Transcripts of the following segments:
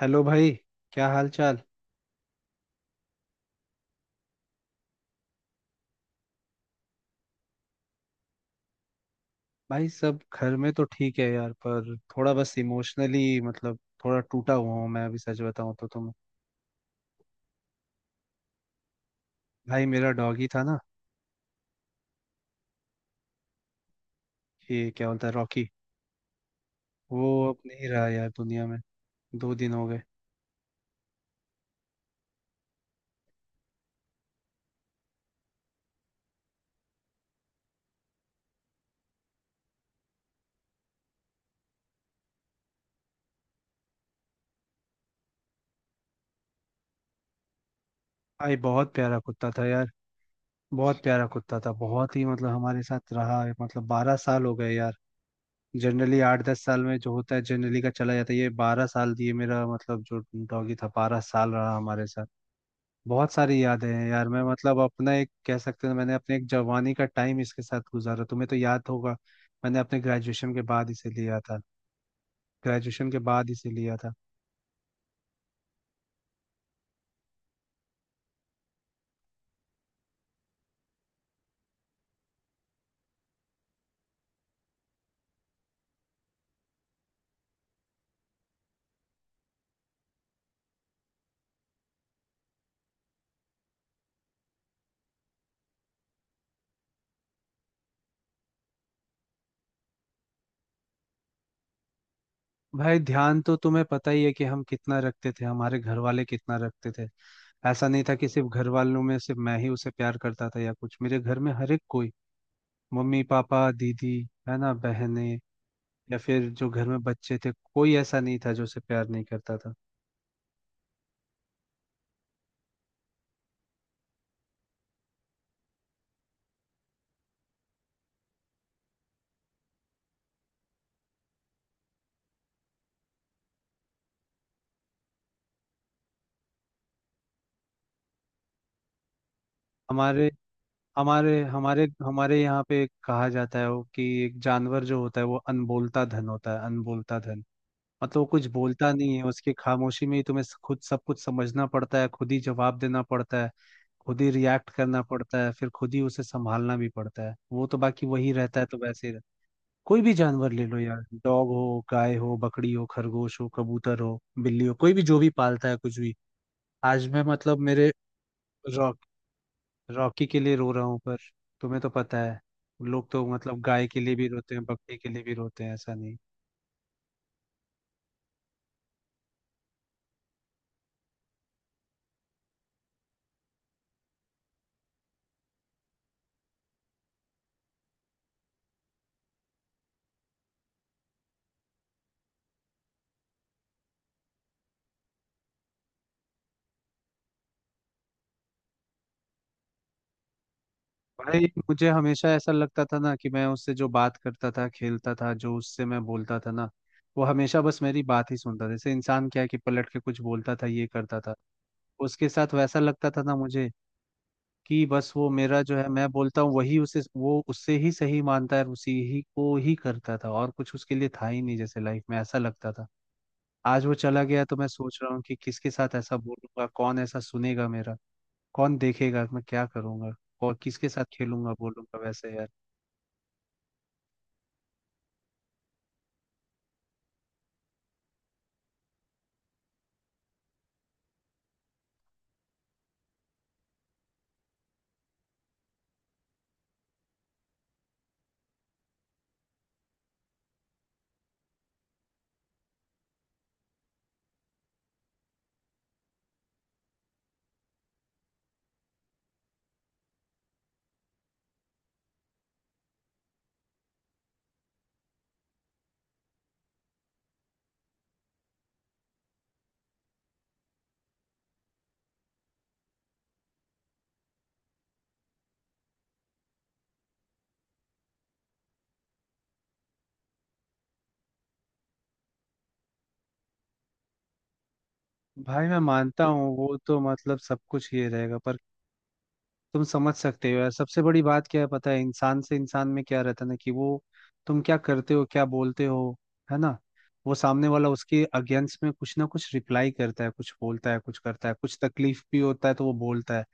Hello भाई। क्या हाल चाल। भाई सब घर में तो ठीक है यार, पर थोड़ा बस इमोशनली मतलब थोड़ा टूटा हुआ हूँ मैं अभी, सच बताऊँ तो। तुम। भाई मेरा डॉगी था ना, ये क्या बोलता है, रॉकी। वो अब नहीं रहा यार दुनिया में। 2 दिन हो गए। भाई बहुत प्यारा कुत्ता था यार। बहुत प्यारा कुत्ता था, बहुत ही मतलब हमारे साथ रहा है, मतलब 12 साल हो गए यार। जनरली 8-10 साल में जो होता है, जनरली का चला जाता है, ये 12 साल दिए, मेरा मतलब जो डॉगी था 12 साल रहा हमारे साथ। बहुत सारी यादें हैं यार, मैं मतलब अपना एक कह सकते हैं, मैंने अपने एक जवानी का टाइम इसके साथ गुजारा, तुम्हें तो याद होगा। मैंने अपने ग्रेजुएशन के बाद इसे लिया था। ग्रेजुएशन के बाद इसे लिया था। भाई ध्यान तो तुम्हें पता ही है कि हम कितना रखते थे, हमारे घर वाले कितना रखते थे। ऐसा नहीं था कि सिर्फ घर वालों में सिर्फ मैं ही उसे प्यार करता था या कुछ, मेरे घर में हर एक कोई, मम्मी पापा दीदी, है ना, बहनें, या फिर जो घर में बच्चे थे, कोई ऐसा नहीं था जो उसे प्यार नहीं करता था। हमारे हमारे हमारे हमारे यहाँ पे कहा जाता है वो कि एक जानवर जो होता है वो अनबोलता धन होता है, अनबोलता धन। मतलब वो कुछ बोलता नहीं है, उसकी खामोशी में ही तुम्हें खुद सब कुछ समझना पड़ता है, खुद ही जवाब देना पड़ता है, खुद ही रिएक्ट करना पड़ता है, फिर खुद ही उसे संभालना भी पड़ता है। वो तो बाकी वही रहता है तो वैसे ही रहता है। कोई भी जानवर ले लो यार, डॉग हो, गाय हो, बकरी हो, खरगोश हो, कबूतर हो, बिल्ली हो, कोई भी जो भी पालता है कुछ भी। आज मैं मतलब मेरे रॉ- रॉकी के लिए रो रहा हूँ, पर तुम्हें तो पता है, लोग तो मतलब गाय के लिए भी रोते हैं, बकरी के लिए भी रोते हैं, ऐसा नहीं। भाई मुझे हमेशा ऐसा लगता था ना कि मैं उससे जो बात करता था, खेलता था, जो उससे मैं बोलता था ना, वो हमेशा बस मेरी बात ही सुनता था। जैसे इंसान क्या है कि पलट के कुछ बोलता था, ये करता था, उसके साथ वैसा लगता था ना मुझे, कि बस वो मेरा जो है मैं बोलता हूँ वही उसे, वो उससे ही सही मानता है और उसी ही को ही करता था, और कुछ उसके लिए था ही नहीं जैसे लाइफ में, ऐसा लगता था। आज वो चला गया तो मैं सोच रहा हूँ कि किसके साथ ऐसा बोलूंगा, कौन ऐसा सुनेगा मेरा, कौन देखेगा मैं क्या करूंगा, और किसके साथ खेलूंगा बोलूंगा वैसे यार। भाई मैं मानता हूँ वो तो मतलब सब कुछ ये रहेगा, पर तुम समझ सकते हो यार, सबसे बड़ी बात क्या है पता है, इंसान से इंसान में क्या रहता है ना, कि वो तुम क्या करते हो क्या बोलते हो, है ना, वो सामने वाला उसके अगेंस्ट में कुछ ना कुछ रिप्लाई करता है, कुछ बोलता है, कुछ करता है, कुछ तकलीफ भी होता है तो वो बोलता है।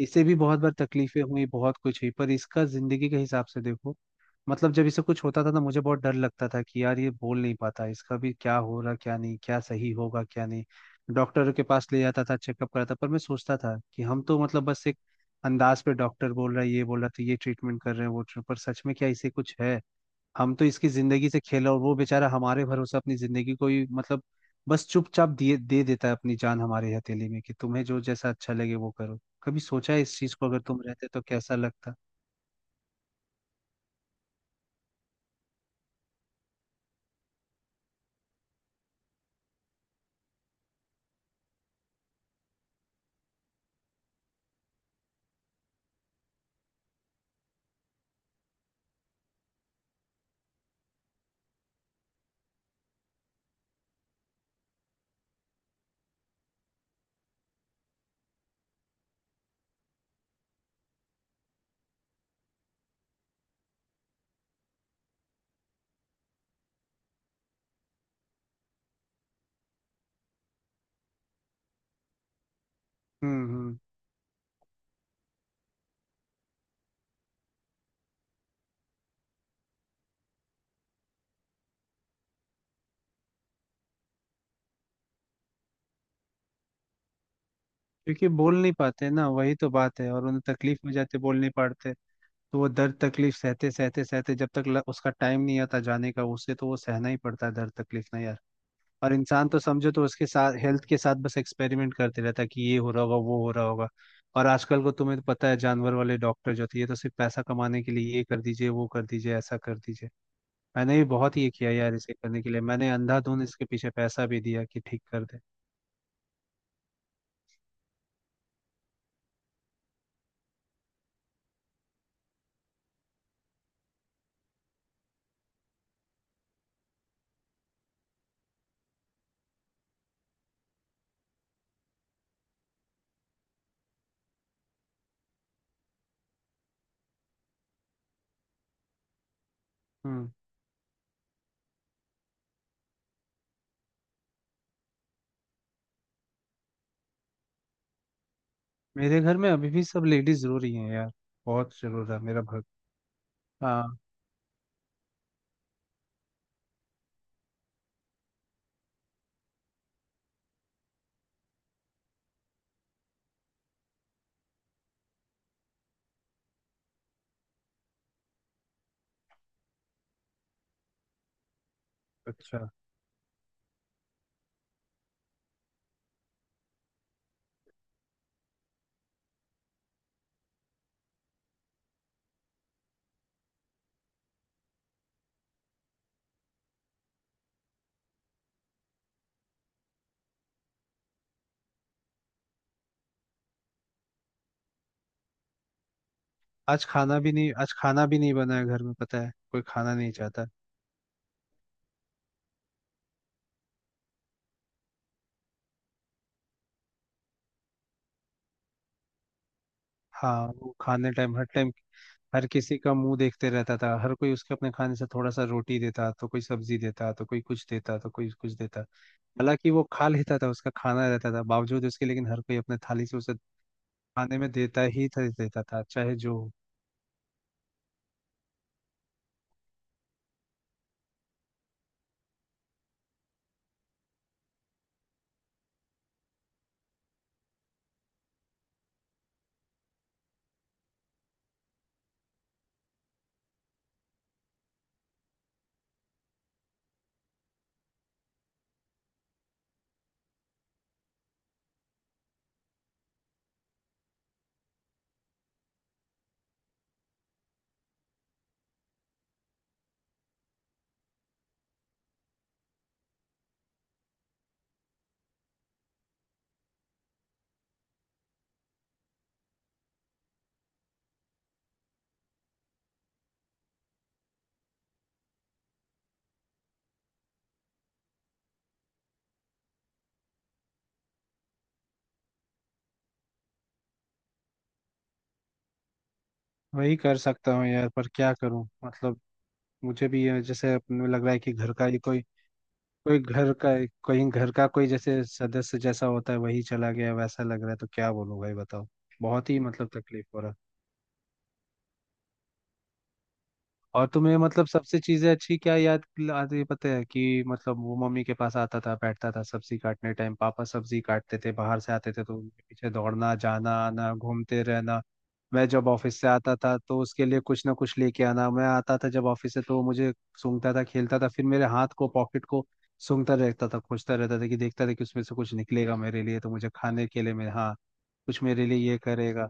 इसे भी बहुत बार तकलीफें हुई, बहुत कुछ हुई, पर इसका जिंदगी के हिसाब से देखो, मतलब जब इसे कुछ होता था ना, मुझे बहुत डर लगता था कि यार ये बोल नहीं पाता, इसका भी क्या हो रहा क्या नहीं, क्या सही होगा क्या नहीं। डॉक्टर के पास ले जाता था, चेकअप कराता, पर मैं सोचता था कि हम तो मतलब बस एक अंदाज पे, डॉक्टर बोल रहा है, ये बोल रहा है तो ये ट्रीटमेंट कर रहे हैं, वो पर सच में क्या इसे कुछ है। हम तो इसकी जिंदगी से खेल, और वो बेचारा हमारे भरोसे अपनी जिंदगी को ही मतलब बस चुपचाप दिए दे देता है अपनी जान हमारी हथेली में, कि तुम्हें जो जैसा अच्छा लगे वो करो। कभी सोचा है इस चीज को, अगर तुम रहते तो कैसा लगता। हम्म। हम्म। क्योंकि बोल नहीं पाते ना, वही तो बात है, और उन्हें तकलीफ में जाते बोल नहीं पाते। तो वो दर्द तकलीफ सहते सहते सहते, जब तक उसका टाइम नहीं आता जाने का उसे, तो वो सहना ही पड़ता है दर्द तकलीफ ना यार। और इंसान तो समझो तो उसके साथ हेल्थ के साथ बस एक्सपेरिमेंट करते रहता है, कि ये हो रहा होगा, वो हो रहा होगा। और आजकल को तुम्हें तो पता है, जानवर वाले डॉक्टर जो थे, ये तो सिर्फ पैसा कमाने के लिए ये कर दीजिए, वो कर दीजिए, ऐसा कर दीजिए। मैंने भी बहुत ये किया यार, इसे करने के लिए मैंने अंधाधुंध इसके पीछे पैसा भी दिया कि ठीक कर दे। हम्म। मेरे घर में अभी भी सब लेडीज जरूर ही हैं यार, बहुत जरूर है मेरा भक्त। हाँ। अच्छा। आज खाना भी नहीं, आज खाना भी नहीं बना है घर में, पता है कोई खाना नहीं चाहता। हाँ, वो खाने टाइम हर किसी का मुंह देखते रहता था, हर कोई उसके अपने खाने से थोड़ा सा रोटी देता, तो कोई सब्जी देता, तो कोई कुछ देता, तो कोई कुछ देता। हालांकि वो खा लेता था, उसका खाना रहता था बावजूद उसके, लेकिन हर कोई अपने थाली से उसे खाने में देता ही था, देता था, चाहे जो हो। वही कर सकता हूँ यार, पर क्या करूँ मतलब, मुझे भी ये जैसे अपने लग रहा है कि घर का ही कोई, कोई घर का कोई घर का कोई जैसे सदस्य जैसा होता है, वही चला गया वैसा लग रहा है, तो क्या बोलूं भाई बताओ। बहुत ही मतलब तकलीफ हो रहा है। और तुम्हें मतलब सबसे चीजें अच्छी क्या याद आती है पता है, कि मतलब वो मम्मी के पास आता था, बैठता था, सब्जी काटने टाइम पापा सब्जी काटते थे बाहर से आते थे तो उनके पीछे दौड़ना, जाना, आना, घूमते रहना। मैं जब ऑफिस से आता था तो उसके लिए कुछ ना कुछ लेके आना, मैं आता था जब ऑफिस से तो वो मुझे सूंघता था, खेलता था, फिर मेरे हाथ को, पॉकेट को सूंघता रहता था, खोजता रहता था, कि देखता था कि उसमें से कुछ निकलेगा मेरे लिए, तो मुझे खाने के लिए मेरे, हाँ, कुछ मेरे लिए ये करेगा।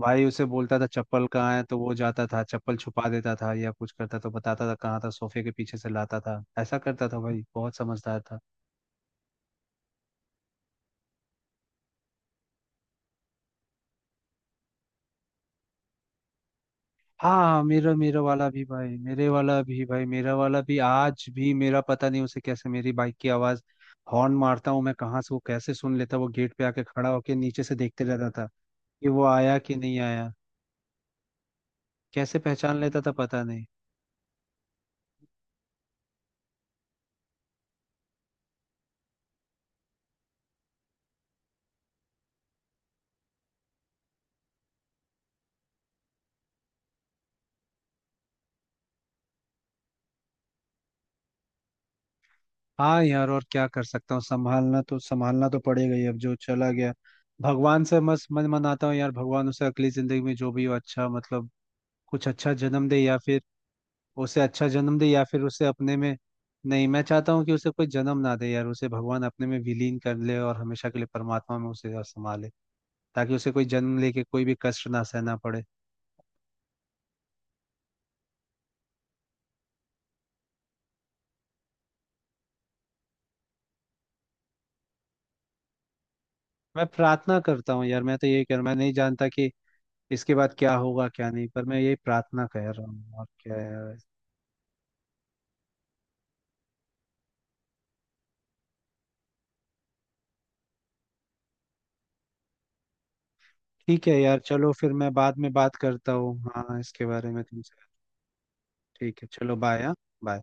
भाई उसे बोलता था चप्पल कहाँ है तो वो जाता था चप्पल छुपा देता था, या कुछ करता तो बताता था कहाँ था, सोफे के पीछे से लाता था, ऐसा करता था भाई, बहुत समझदार था। हाँ मेरा मेरा वाला भी भाई, मेरे वाला भी भाई, मेरा वाला भी, आज भी मेरा पता नहीं उसे कैसे मेरी बाइक की आवाज, हॉर्न मारता हूँ मैं कहाँ से वो कैसे सुन लेता, वो गेट पे आके खड़ा होके नीचे से देखते रहता था कि वो आया कि नहीं आया। कैसे पहचान लेता था पता नहीं। हाँ यार, और क्या कर सकता हूँ, संभालना तो पड़ेगा ही, अब जो चला गया। भगवान से मस मन मनाता हूँ यार, भगवान उसे अगली जिंदगी में जो भी हो अच्छा मतलब कुछ अच्छा जन्म दे, या फिर उसे अच्छा जन्म दे, या फिर उसे अपने में, नहीं, मैं चाहता हूँ कि उसे कोई जन्म ना दे यार, उसे भगवान अपने में विलीन कर ले, और हमेशा के लिए परमात्मा में उसे संभाले, ताकि उसे कोई जन्म लेके कोई भी कष्ट ना सहना पड़े। मैं प्रार्थना करता हूँ यार, मैं तो यही कह रहा हूँ, मैं नहीं जानता कि इसके बाद क्या होगा क्या नहीं, पर मैं यही प्रार्थना कर रहा हूँ, और क्या है। ठीक है यार चलो, फिर मैं बाद में बात करता हूँ हाँ इसके बारे में तुमसे। ठीक है चलो, बाय। हाँ। बाय।